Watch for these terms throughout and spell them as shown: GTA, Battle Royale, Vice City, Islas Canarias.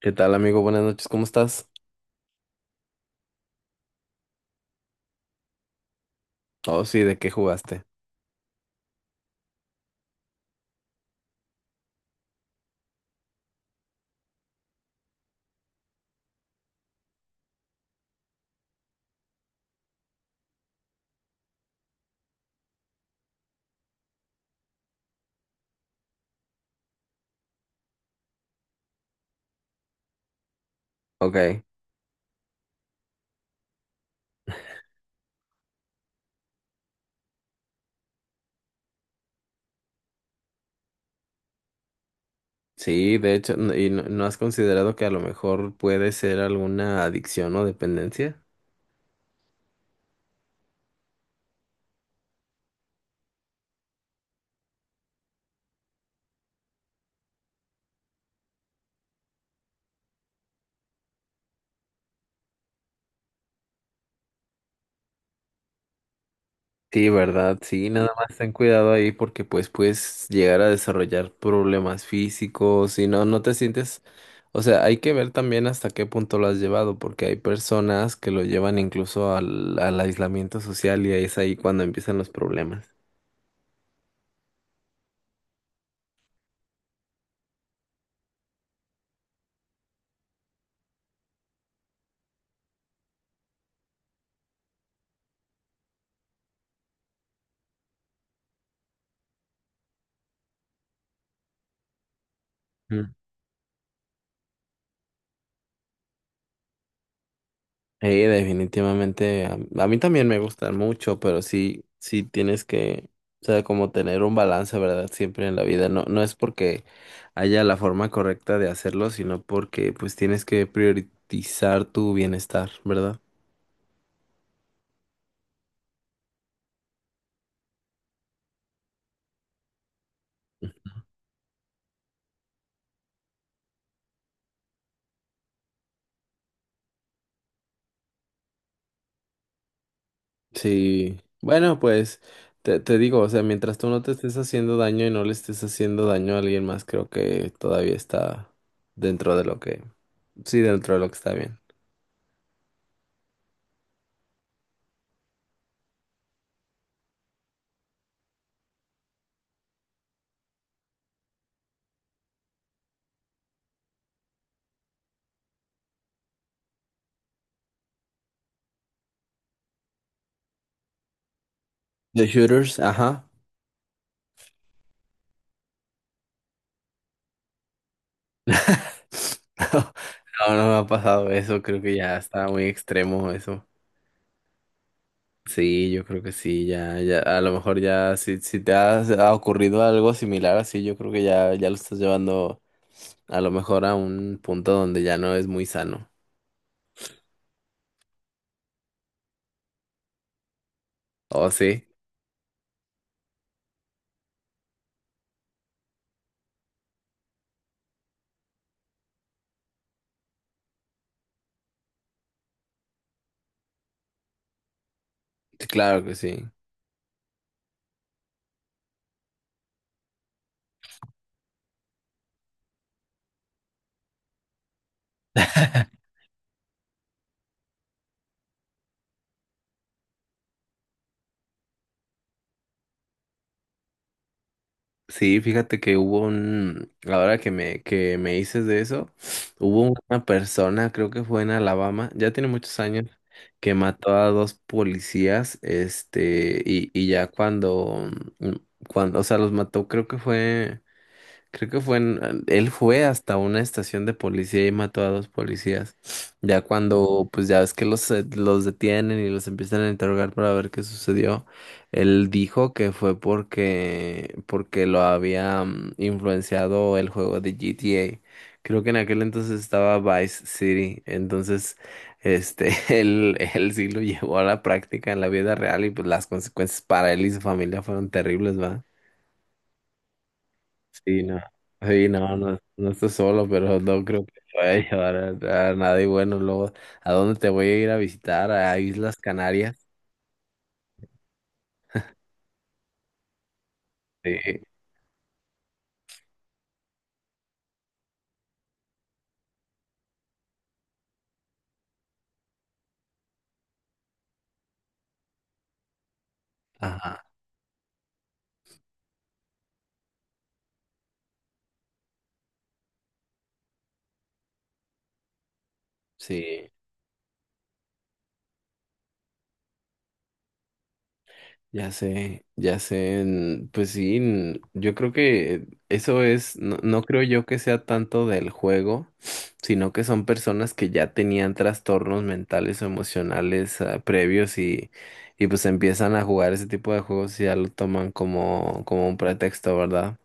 ¿Qué tal, amigo? Buenas noches, ¿cómo estás? Oh, sí, ¿de qué jugaste? Ok, sí, de hecho, ¿y no has considerado que a lo mejor puede ser alguna adicción o dependencia? Sí, ¿verdad? Sí, nada más ten cuidado ahí porque pues puedes llegar a desarrollar problemas físicos y no te sientes, o sea, hay que ver también hasta qué punto lo has llevado porque hay personas que lo llevan incluso al aislamiento social y es ahí cuando empiezan los problemas. Sí, definitivamente. A mí también me gustan mucho, pero sí, sí tienes que, o sea, como tener un balance, ¿verdad? Siempre en la vida. No, no es porque haya la forma correcta de hacerlo, sino porque pues tienes que priorizar tu bienestar, ¿verdad? Sí. Bueno, pues te digo, o sea, mientras tú no te estés haciendo daño y no le estés haciendo daño a alguien más, creo que todavía está dentro de lo que, sí, dentro de lo que está bien. The shooters, ajá. No, no me ha pasado eso, creo que ya está muy extremo eso. Sí, yo creo que sí, ya, ya, a lo mejor ya, si, si ha ocurrido algo similar así, yo creo que ya, ya lo estás llevando a lo mejor a un punto donde ya no es muy sano. Oh, sí, sí, claro que sí. Sí, fíjate que hubo un, ahora que que me dices de eso, hubo una persona, creo que fue en Alabama, ya tiene muchos años, que mató a dos policías, este, y ya cuando, mm, cuando, o sea, los mató, creo que fue. Creo que fue él fue hasta una estación de policía y mató a dos policías. Ya cuando, pues ya ves que los detienen y los empiezan a interrogar para ver qué sucedió, él dijo que fue porque lo había influenciado el juego de GTA. Creo que en aquel entonces estaba Vice City, entonces este, él sí lo llevó a la práctica en la vida real y pues las consecuencias para él y su familia fueron terribles, va. Sí, no. Sí, no, no, no estoy solo, pero no creo que te vaya a llevar a nada. Y bueno, luego, ¿a dónde te voy a ir a visitar? ¿A Islas Canarias? Sí. Ajá, sí, ya sé, ya sé. Pues sí, yo creo que eso es, no, no creo yo que sea tanto del juego, sino que son personas que ya tenían trastornos mentales o emocionales, ah, previos y... Y pues empiezan a jugar ese tipo de juegos y ya lo toman como, como un pretexto, ¿verdad?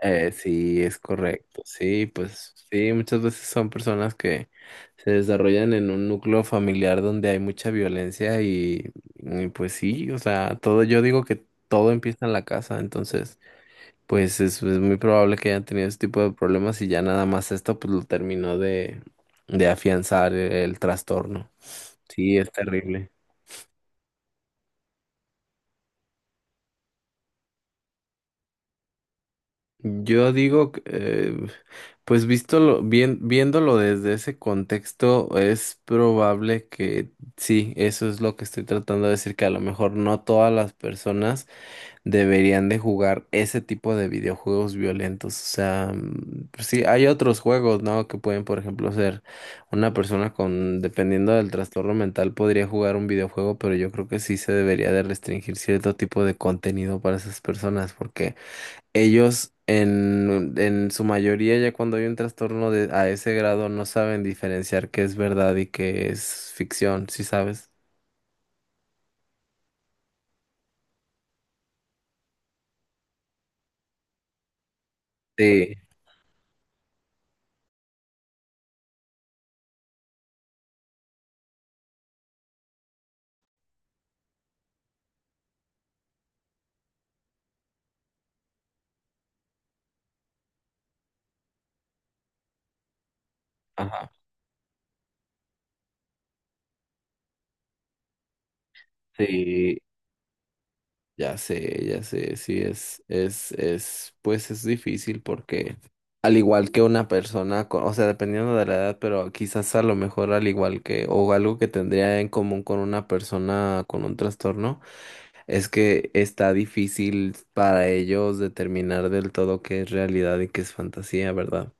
Sí, es correcto. Sí, pues sí, muchas veces son personas que se desarrollan en un núcleo familiar donde hay mucha violencia y pues sí, o sea, todo, yo digo que todo empieza en la casa, entonces pues es muy probable que hayan tenido ese tipo de problemas y ya nada más esto pues lo terminó de afianzar el trastorno. Sí, es terrible. Yo digo, que, pues bien, viéndolo desde ese contexto, es probable que sí, eso es lo que estoy tratando de decir, que a lo mejor no todas las personas deberían de jugar ese tipo de videojuegos violentos. O sea, mm, pues sí, hay otros juegos, ¿no? Que pueden, por ejemplo, ser una persona con, dependiendo del trastorno mental, podría jugar un videojuego, pero yo creo que sí se debería de restringir cierto tipo de contenido para esas personas, porque ellos en su mayoría ya cuando hay un trastorno de, a ese grado no saben diferenciar qué es verdad y qué es ficción, ¿sí sabes? Sí. Ajá, sí, ya sé, sí es, pues es difícil porque al igual que una persona, o sea, dependiendo de la edad, pero quizás a lo mejor al igual que, o algo que tendría en común con una persona con un trastorno. Es que está difícil para ellos determinar del todo qué es realidad y qué es fantasía, ¿verdad?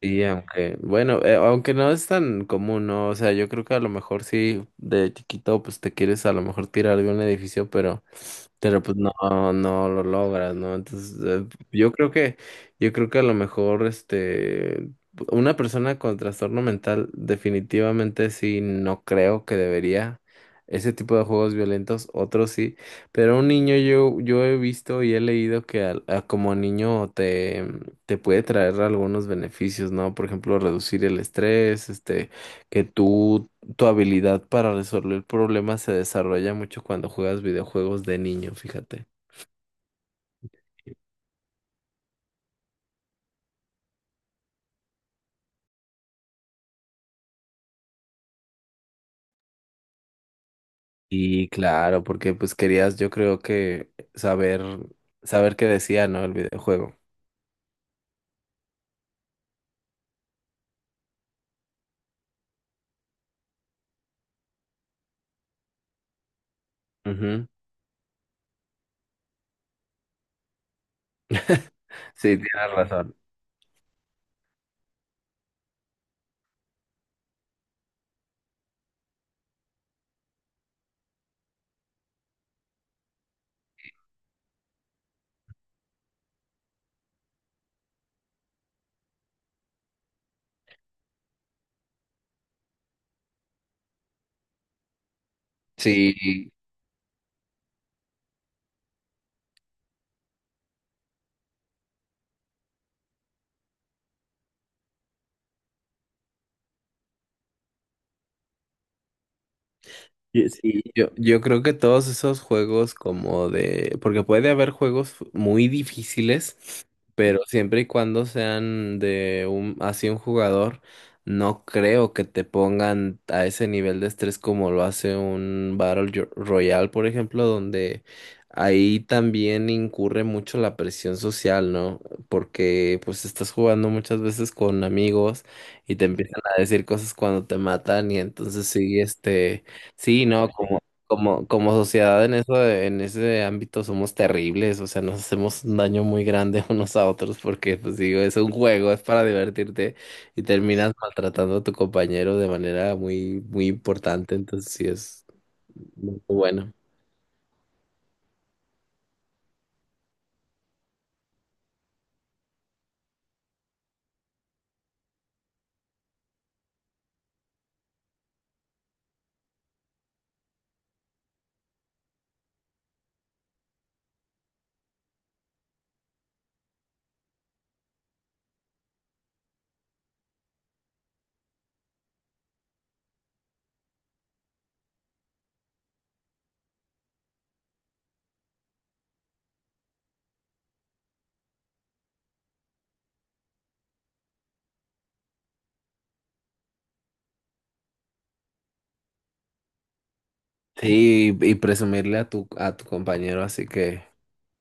Y aunque, bueno, aunque no es tan común, ¿no? O sea, yo creo que a lo mejor sí, de chiquito, pues te quieres a lo mejor tirar de un edificio, pero pues no, no lo logras, ¿no? Entonces, yo creo que, yo creo que a lo mejor, este, una persona con trastorno mental definitivamente sí, no creo que debería ese tipo de juegos violentos, otros sí, pero un niño yo, yo he visto y he leído que a como niño te puede traer algunos beneficios, ¿no? Por ejemplo, reducir el estrés, este, que tú tu habilidad para resolver problemas se desarrolla mucho cuando juegas videojuegos de niño, fíjate. Y claro, porque pues querías, yo creo que saber, saber qué decía, ¿no? El videojuego. Ujú. Sí, tienes razón. Sí, sí, yo creo que todos esos juegos como de, porque puede haber juegos muy difíciles, pero siempre y cuando sean de un, así un jugador, no creo que te pongan a ese nivel de estrés como lo hace un Royale, por ejemplo, donde ahí también incurre mucho la presión social, ¿no? Porque pues estás jugando muchas veces con amigos y te empiezan a decir cosas cuando te matan y entonces sí, este... Sí, no, como, como sociedad en eso, en ese ámbito somos terribles, o sea, nos hacemos un daño muy grande unos a otros porque, pues digo, es un juego, es para divertirte y terminas maltratando a tu compañero de manera muy, muy importante, entonces sí es muy bueno. Sí, y presumirle a tu compañero, así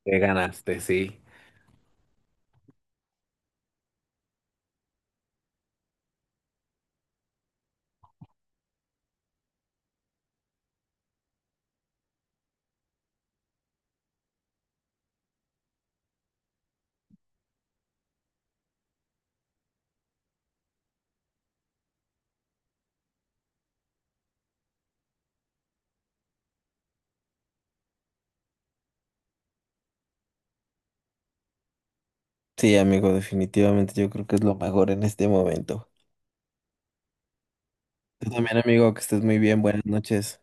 que ganaste, sí. Sí, amigo, definitivamente yo creo que es lo mejor en este momento. Tú también, amigo, que estés muy bien, buenas noches.